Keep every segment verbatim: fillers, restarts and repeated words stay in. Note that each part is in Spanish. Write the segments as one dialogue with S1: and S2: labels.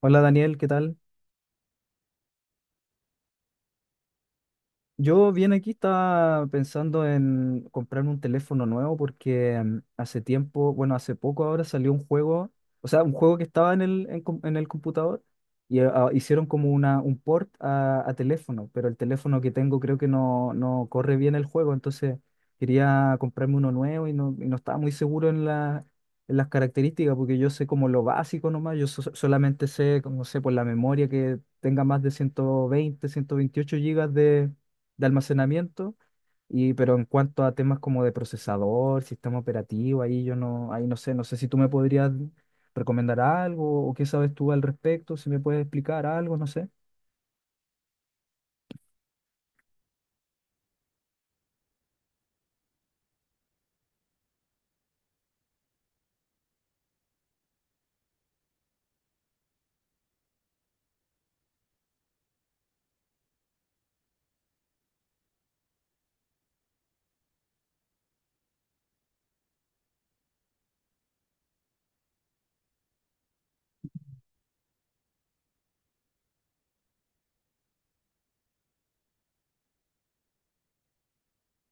S1: Hola Daniel, ¿qué tal? Yo bien, aquí estaba pensando en comprarme un teléfono nuevo porque em, hace tiempo, bueno, hace poco ahora salió un juego, o sea, un juego que estaba en el, en, com- en el computador y eh, ah, hicieron como una, un port a, a teléfono, pero el teléfono que tengo creo que no, no corre bien el juego, entonces quería comprarme uno nuevo y no, y no estaba muy seguro en la, en las características porque yo sé como lo básico nomás, yo so- solamente sé, como sé, por la memoria que tenga más de ciento veinte, ciento veintiocho gigas de almacenamiento, y, pero en cuanto a temas como de procesador, sistema operativo, ahí yo no, ahí no sé, no sé si tú me podrías recomendar algo o qué sabes tú al respecto, si me puedes explicar algo, no sé.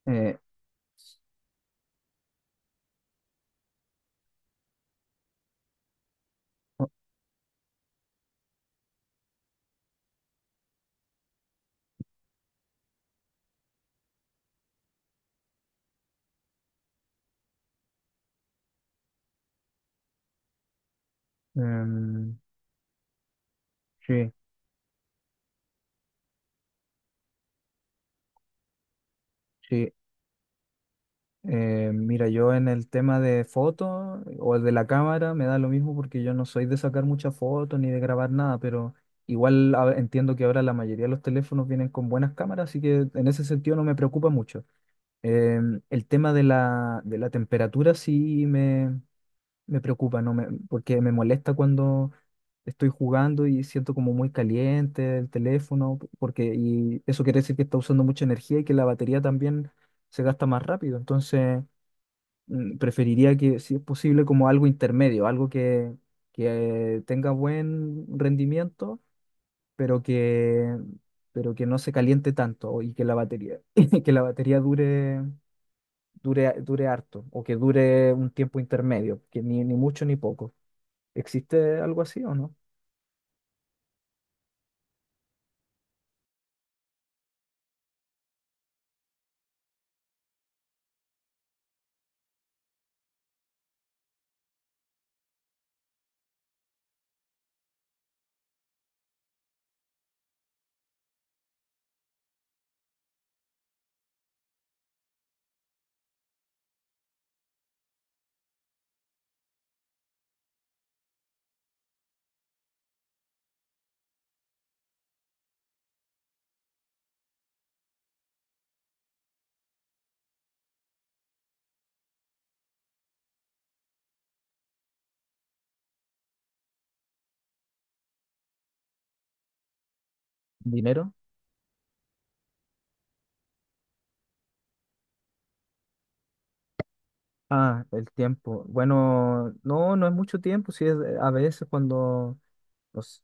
S1: Eh, o- em, sí, sí. Eh, mira, yo en el tema de fotos o de la cámara me da lo mismo porque yo no soy de sacar muchas fotos ni de grabar nada, pero igual a- entiendo que ahora la mayoría de los teléfonos vienen con buenas cámaras, así que en ese sentido no me preocupa mucho. Em, el tema de la, de la temperatura sí me, me preocupa, ¿no? Me- porque me molesta cuando estoy jugando y siento como muy caliente el teléfono, p- porque y eso quiere decir que está usando mucha energía y que la batería también se gasta más rápido. Entonces, mm, preferiría que, si es posible, como algo intermedio, algo que, que tenga buen rendimiento, pero que, pero que no se caliente tanto y que la batería, que la batería dure dure, dure harto o que dure un tiempo intermedio, que ni, ni mucho ni poco. ¿Existe algo así o no? ¿Dinero? Ah, el tiempo. Bueno, no, no es mucho tiempo, sí, es, a veces cuando, no sé,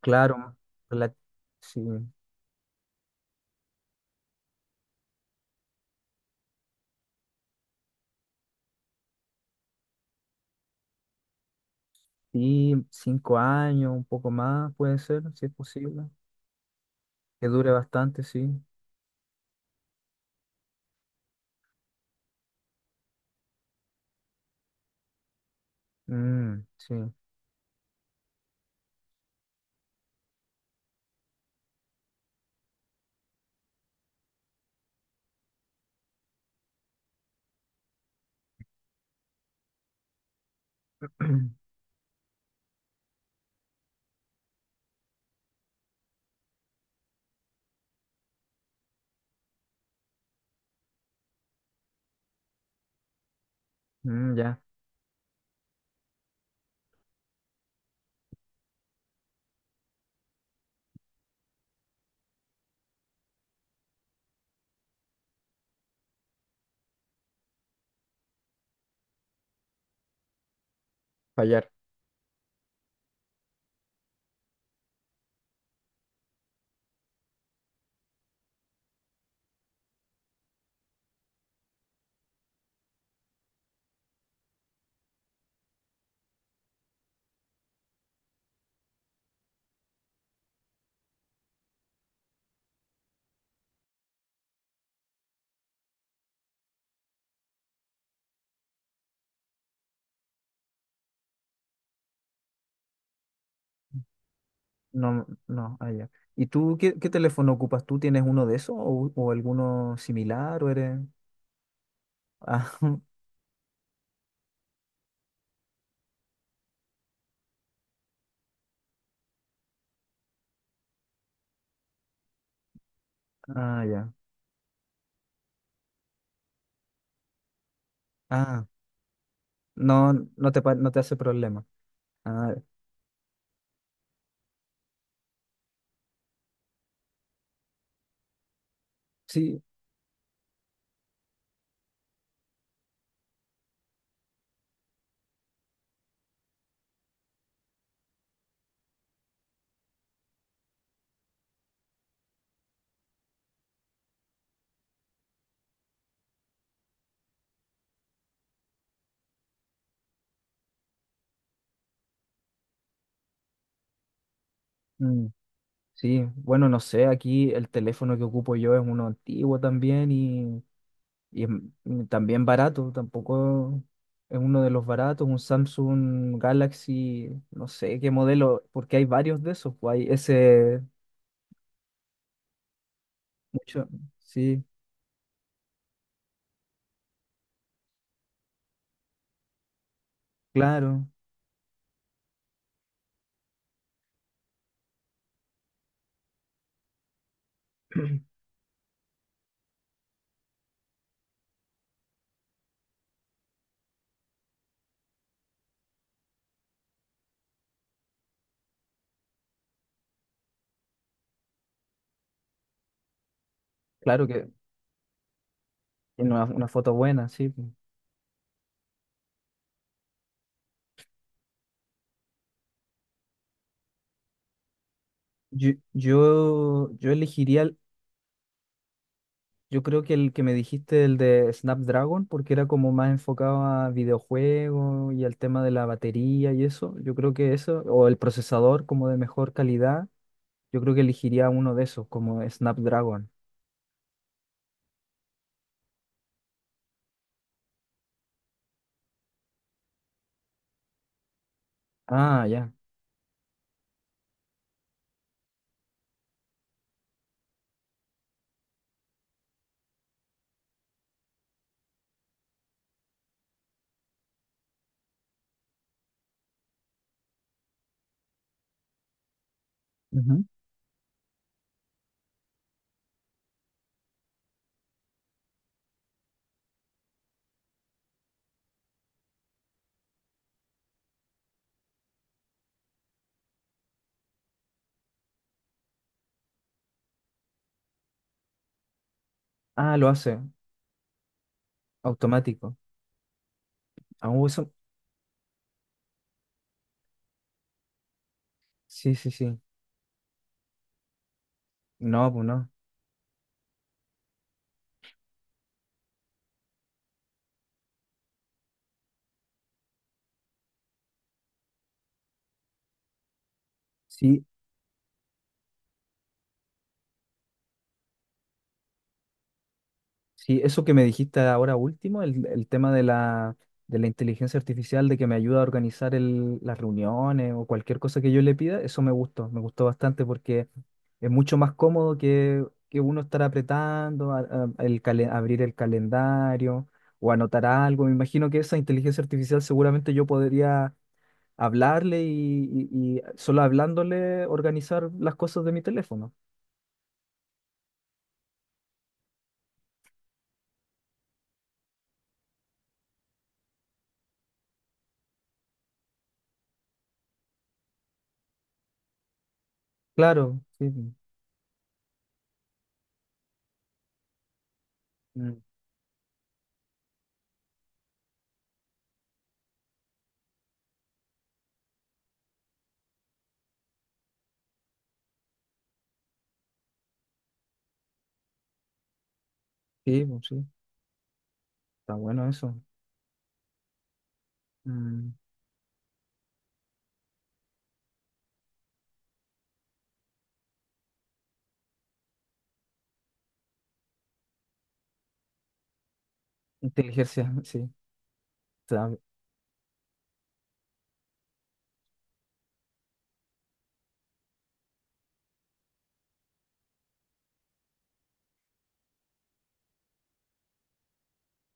S1: claro, rela- sí, sí, cinco años, un poco más puede ser, si es posible, que dure bastante, sí. Mm, sí. Mm, ya, fallar. No, no, allá. ¿Y tú qué, qué teléfono ocupas? ¿Tú tienes uno de esos o, o alguno similar o eres... Ah, ah, ya. Ah, no, no te, pa- no te hace problema. Ah, sí, mm, sí. Bueno, no sé, aquí el teléfono que ocupo yo es uno antiguo también y, y es m- mm, también barato. Tampoco es uno de los baratos, un Samsung Galaxy, no sé qué modelo, porque hay varios de esos. Pues, hay ese, mucho, sí, claro. Claro que tiene una, una foto buena, sí. Yo, yo, yo elegiría, el- yo creo que el que me dijiste, el de Snapdragon, porque era como más enfocado a videojuegos y al tema de la batería y eso. Yo creo que eso, o el procesador como de mejor calidad, yo creo que elegiría uno de esos, como Snapdragon. Ah, ya. Ujú. Ah, lo hace, automático. Ah, eso- sí, sí, sí. No, pues no. Sí, sí, eso que me dijiste ahora último, el, el tema de la, de la inteligencia artificial, de que me ayuda a organizar el- las reuniones o cualquier cosa que yo le pida, eso me gustó, me gustó bastante porque es mucho más cómodo que, que uno estar apretando, a- a- el calen- abrir el calendario o anotar algo. Me imagino que esa inteligencia artificial seguramente yo podría hablarle y, y y solo hablándole organizar las cosas de mi teléfono. Claro, sí. Mm. Sí, pues sí, está bueno eso. Mm, inteligencia, sí. Está-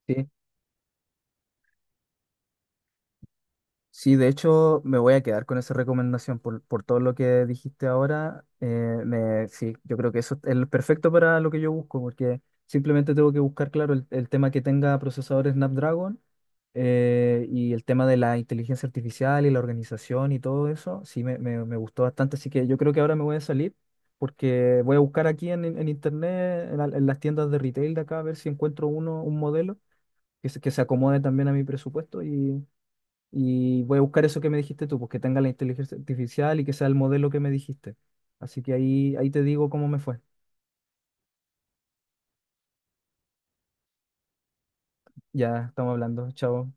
S1: sí, sí, de hecho me voy a quedar con esa recomendación por, por todo lo que dijiste ahora. eh, me, sí, yo creo que eso es lo perfecto para lo que yo busco, porque simplemente tengo que buscar, claro, el, el tema que tenga procesadores Snapdragon eh, y el tema de la inteligencia artificial y la organización y todo eso. Sí, me, me, me gustó bastante, así que yo creo que ahora me voy a salir porque voy a buscar aquí en, en internet, en, la- en las tiendas de retail de acá, a ver si encuentro uno, un modelo que se, que se acomode también a mi presupuesto y, y voy a buscar eso que me dijiste tú, pues que tenga la inteligencia artificial y que sea el modelo que me dijiste. Así que ahí, ahí te digo cómo me fue. Ya estamos hablando. Chao.